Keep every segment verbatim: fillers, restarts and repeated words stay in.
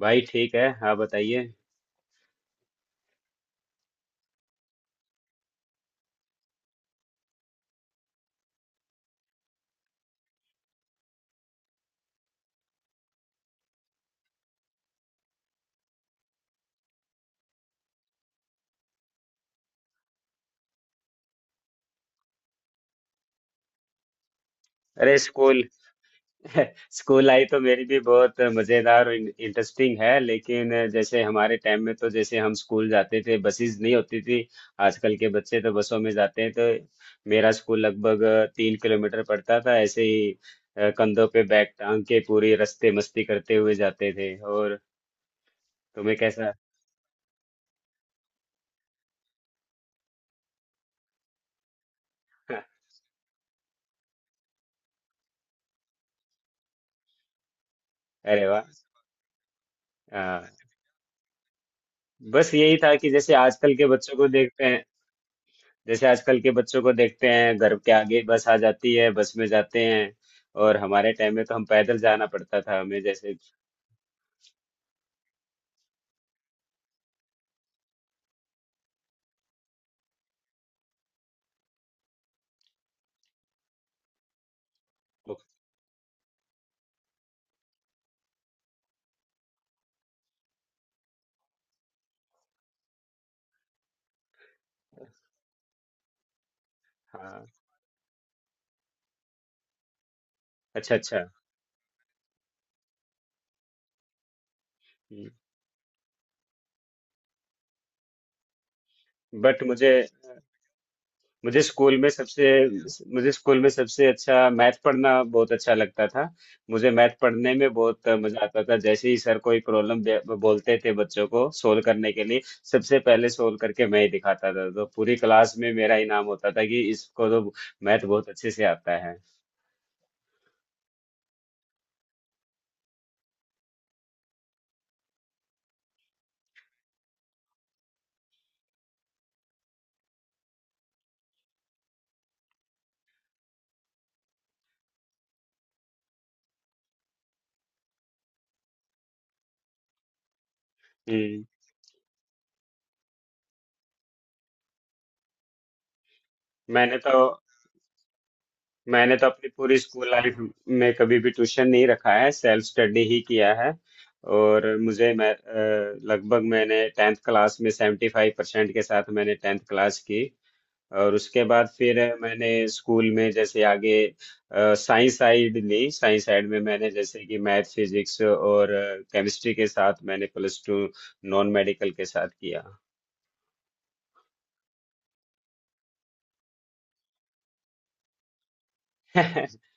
भाई ठीक है। आप बताइए। अरे स्कूल स्कूल लाइफ तो मेरी भी बहुत मज़ेदार और इंटरेस्टिंग है। लेकिन जैसे हमारे टाइम में तो जैसे हम स्कूल जाते थे बसेस नहीं होती थी। आजकल के बच्चे तो बसों में जाते हैं, तो मेरा स्कूल लगभग तीन किलोमीटर पड़ता था ऐसे ही। अ, कंधों पे बैग टांग के पूरी रास्ते मस्ती करते हुए जाते थे। और तुम्हें कैसा? अरे वाह। हाँ, बस यही था कि जैसे आजकल के बच्चों को देखते हैं, जैसे आजकल के बच्चों को देखते हैं घर के आगे बस आ जाती है, बस में जाते हैं। और हमारे टाइम में तो हम पैदल जाना पड़ता था हमें, जैसे। हाँ। अच्छा अच्छा। बट मुझे मुझे स्कूल में सबसे मुझे स्कूल में सबसे अच्छा मैथ पढ़ना बहुत अच्छा लगता था। मुझे मैथ पढ़ने में बहुत मजा आता था। जैसे ही सर कोई प्रॉब्लम बोलते थे बच्चों को सोल्व करने के लिए, सबसे पहले सोल्व करके मैं ही दिखाता था। तो पूरी क्लास में मेरा इनाम होता था कि इसको तो मैथ बहुत अच्छे से आता है। हम्म, मैंने तो मैंने तो अपनी पूरी स्कूल लाइफ में कभी भी ट्यूशन नहीं रखा है, सेल्फ स्टडी ही किया है। और मुझे मैं अ, लगभग मैंने टेंथ क्लास में सेवेंटी फाइव परसेंट के साथ मैंने टेंथ क्लास की। और उसके बाद फिर मैंने स्कूल में जैसे आगे साइंस साइड ली। साइंस साइड में मैंने जैसे कि मैथ फिजिक्स और केमिस्ट्री के साथ मैंने प्लस टू नॉन मेडिकल के साथ किया।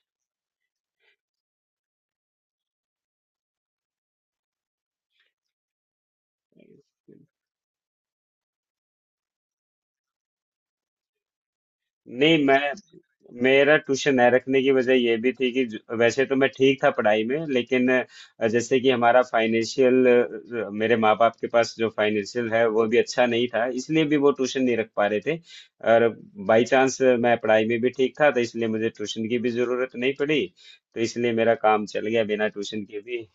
नहीं, मैं मेरा ट्यूशन न रखने की वजह ये भी थी कि जो- वैसे तो मैं ठीक था पढ़ाई में, लेकिन अ, जैसे कि हमारा फाइनेंशियल मेरे माँ बाप के पास जो फाइनेंशियल है वो भी अच्छा नहीं था, इसलिए भी वो ट्यूशन नहीं रख पा रहे थे। और बाई चांस मैं पढ़ाई में भी ठीक था, तो इसलिए मुझे ट्यूशन की भी जरूरत नहीं पड़ी। तो इसलिए मेरा काम चल गया बिना ट्यूशन के भी।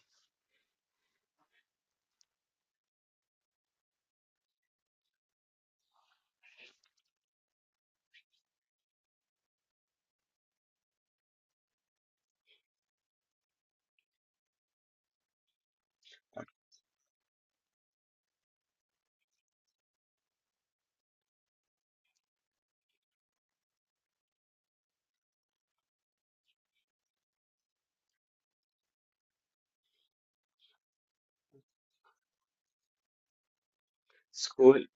स्कूल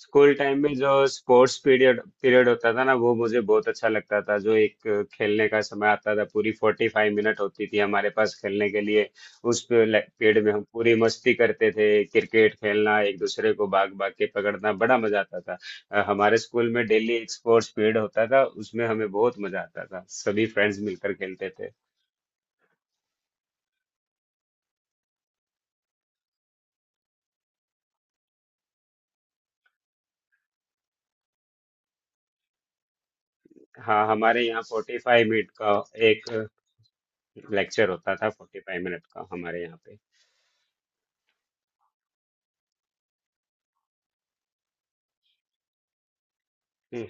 स्कूल टाइम में जो स्पोर्ट्स पीरियड पीरियड होता था ना, वो मुझे बहुत अच्छा लगता था। जो एक खेलने का समय आता था, पूरी फोर्टी फाइव मिनट होती थी हमारे पास खेलने के लिए। उस पीरियड में हम पूरी मस्ती करते थे, क्रिकेट खेलना, एक दूसरे को भाग भाग के पकड़ना, बड़ा मजा आता था। अ, हमारे स्कूल में डेली एक स्पोर्ट्स पीरियड होता था, उसमें हमें बहुत मजा आता था, सभी फ्रेंड्स मिलकर खेलते थे। हाँ, हमारे यहाँ फोर्टी फाइव मिनट का एक लेक्चर होता था, फोर्टी फाइव मिनट का हमारे यहाँ पे। हम्म,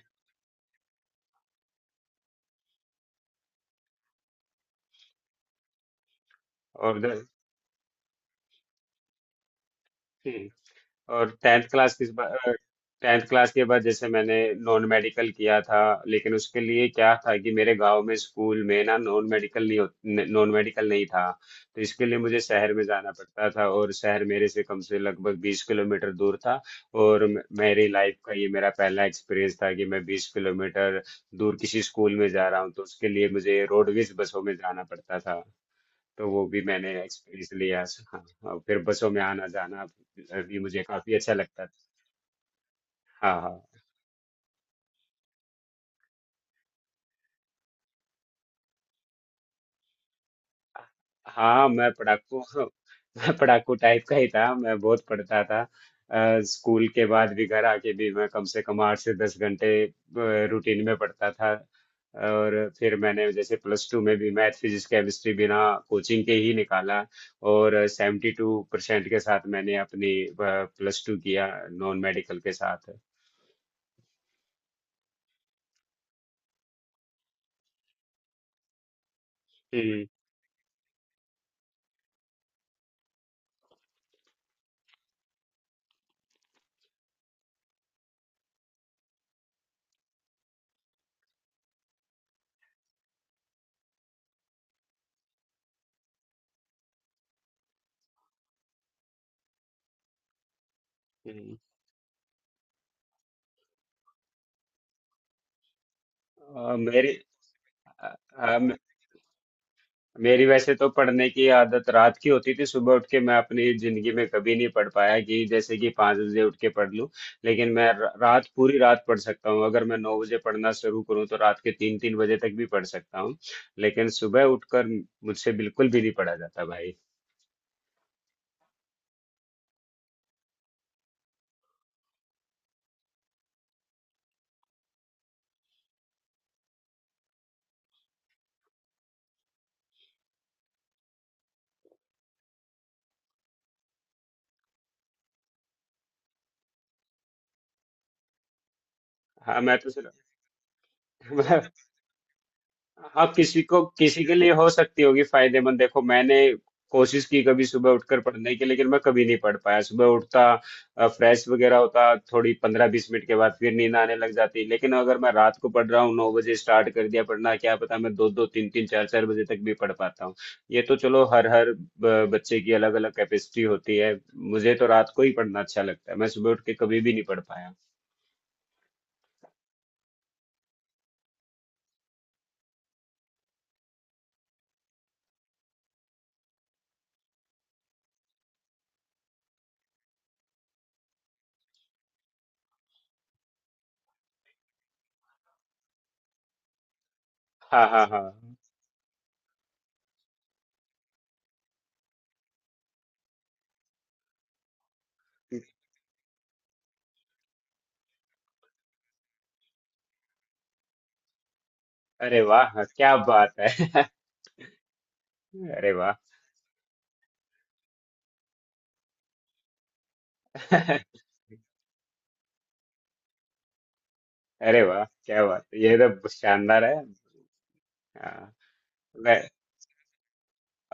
और उधर हम्म। और टेंथ क्लास के बाद टेंथ क्लास के बाद जैसे मैंने नॉन मेडिकल किया था। लेकिन उसके लिए क्या था कि मेरे गांव में स्कूल में ना नॉन मेडिकल नहीं हो नॉन मेडिकल नहीं था। तो इसके लिए मुझे शहर में जाना पड़ता था, और शहर मेरे से कम से लगभग बीस किलोमीटर दूर था। और म- मेरी लाइफ का ये मेरा पहला एक्सपीरियंस था कि मैं बीस किलोमीटर दूर किसी स्कूल में जा रहा हूँ, तो उसके लिए मुझे रोडवेज बसों में जाना पड़ता था। तो वो भी मैंने एक्सपीरियंस लिया। हाँ, और फिर बसों में आना जाना भी मुझे काफी अच्छा लगता था। हाँ, हाँ, हाँ। मैं पढ़ाकू मैं पढ़ाकू टाइप का ही था, मैं बहुत पढ़ता था। अ, स्कूल के बाद भी घर आके भी मैं कम से कम आठ से दस घंटे रूटीन में पढ़ता था। और फिर मैंने जैसे प्लस टू में भी मैथ फिजिक्स केमिस्ट्री बिना कोचिंग के ही निकाला, और सेवेंटी टू परसेंट के साथ मैंने अपनी प्लस टू किया नॉन मेडिकल के साथ। हम्म अ, मेरी अ, अ, मेरी वैसे तो पढ़ने की आदत रात की होती थी। सुबह उठ के मैं अपनी जिंदगी में कभी नहीं पढ़ पाया कि जैसे कि पाँच बजे उठ के पढ़ लूं। लेकिन मैं र- रात पूरी रात पढ़ सकता हूँ। अगर मैं नौ बजे पढ़ना शुरू करूँ तो रात के तीन तीन बजे तक भी पढ़ सकता हूँ। लेकिन सुबह उठकर मुझसे बिल्कुल भी नहीं पढ़ा जाता भाई। हाँ, मैं तो सिर्फ हाँ, किसी को किसी के लिए हो सकती होगी फायदेमंद। देखो मैंने कोशिश की कभी सुबह उठकर पढ़ने की, लेकिन मैं कभी नहीं पढ़ पाया। सुबह उठता, फ्रेश वगैरह होता, थोड़ी पंद्रह बीस मिनट के बाद फिर नींद आने लग जाती। लेकिन अगर मैं रात को पढ़ रहा हूँ, नौ बजे स्टार्ट कर दिया पढ़ना, क्या पता मैं दो दो तीन तीन चार चार बजे तक भी पढ़ पाता हूँ। ये तो चलो, हर हर ब- बच्चे की अलग अलग कैपेसिटी होती है। मुझे तो रात को ही पढ़ना अच्छा लगता है, मैं सुबह उठ के कभी भी नहीं पढ़ पाया। हाँ, हाँ, हाँ। अरे वाह, क्या बात है! अरे वाह। अरे वाह, क्या बात है! ये तो शानदार है। हाँ, मैं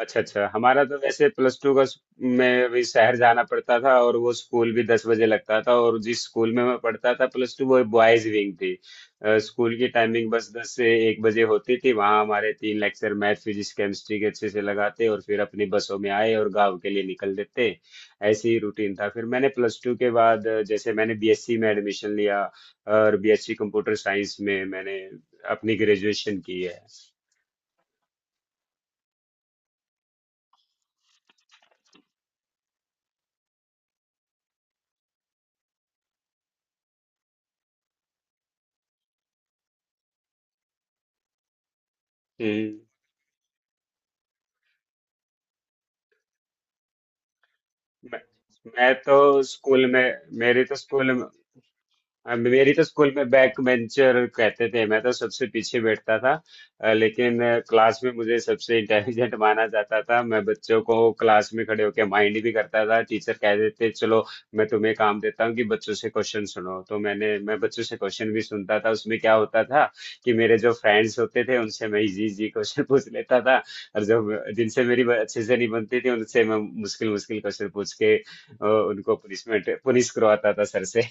अच्छा अच्छा। हमारा तो वैसे प्लस टू का स- में अभी शहर जाना पड़ता था, और वो स्कूल भी दस बजे लगता था। और जिस स्कूल में मैं पढ़ता था प्लस टू वो बॉयज विंग थी। अ, स्कूल की टाइमिंग बस दस से एक बजे होती थी। वहाँ हमारे तीन लेक्चर मैथ फिजिक्स केमिस्ट्री के अच्छे से लगाते, और फिर अपनी बसों में आए और गाँव के लिए निकल देते। ऐसे ही रूटीन था। फिर मैंने प्लस टू के बाद अ, जैसे मैंने बीएससी में एडमिशन लिया। और बीएससी कंप्यूटर साइंस में मैंने अपनी ग्रेजुएशन की है। हम्म मैं, मैं तो स्कूल में मेरी तो स्कूल में- अब मेरी तो स्कूल में बैक बेंचर कहते थे, मैं तो सबसे पीछे बैठता था। अ, लेकिन अ, क्लास में मुझे सबसे इंटेलिजेंट माना जाता था। मैं बच्चों को क्लास में खड़े होकर माइंड भी करता था। टीचर कह देते चलो, मैं तुम्हें काम देता हूँ कि बच्चों से क्वेश्चन सुनो। तो मैंने मैं बच्चों से क्वेश्चन भी सुनता था। उसमें क्या होता था कि मेरे जो फ्रेंड्स होते थे उनसे मैं इजी इजी क्वेश्चन पूछ लेता था। और जब जिनसे मेरी ब- अच्छे से नहीं बनती थी, उनसे मैं मुश्किल मुश्किल क्वेश्चन पूछ के अ, उनको पनिशमेंट पुनिश करवाता था सर से।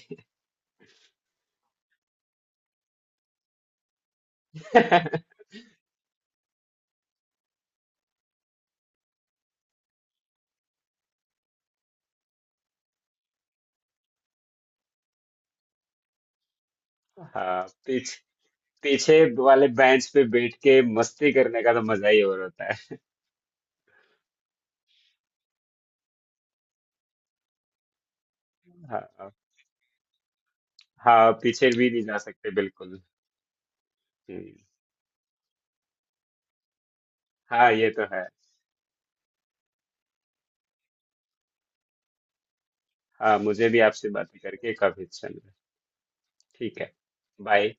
हाँ, पीछे पीछे वाले बेंच पे बैठ के मस्ती करने का तो मजा ही और होता है। हाँ, हाँ पीछे भी नहीं जा सकते बिल्कुल। हम्म, हाँ ये तो है। हाँ, मुझे भी आपसे बातें करके काफी अच्छा लगा। ठीक है। बाय।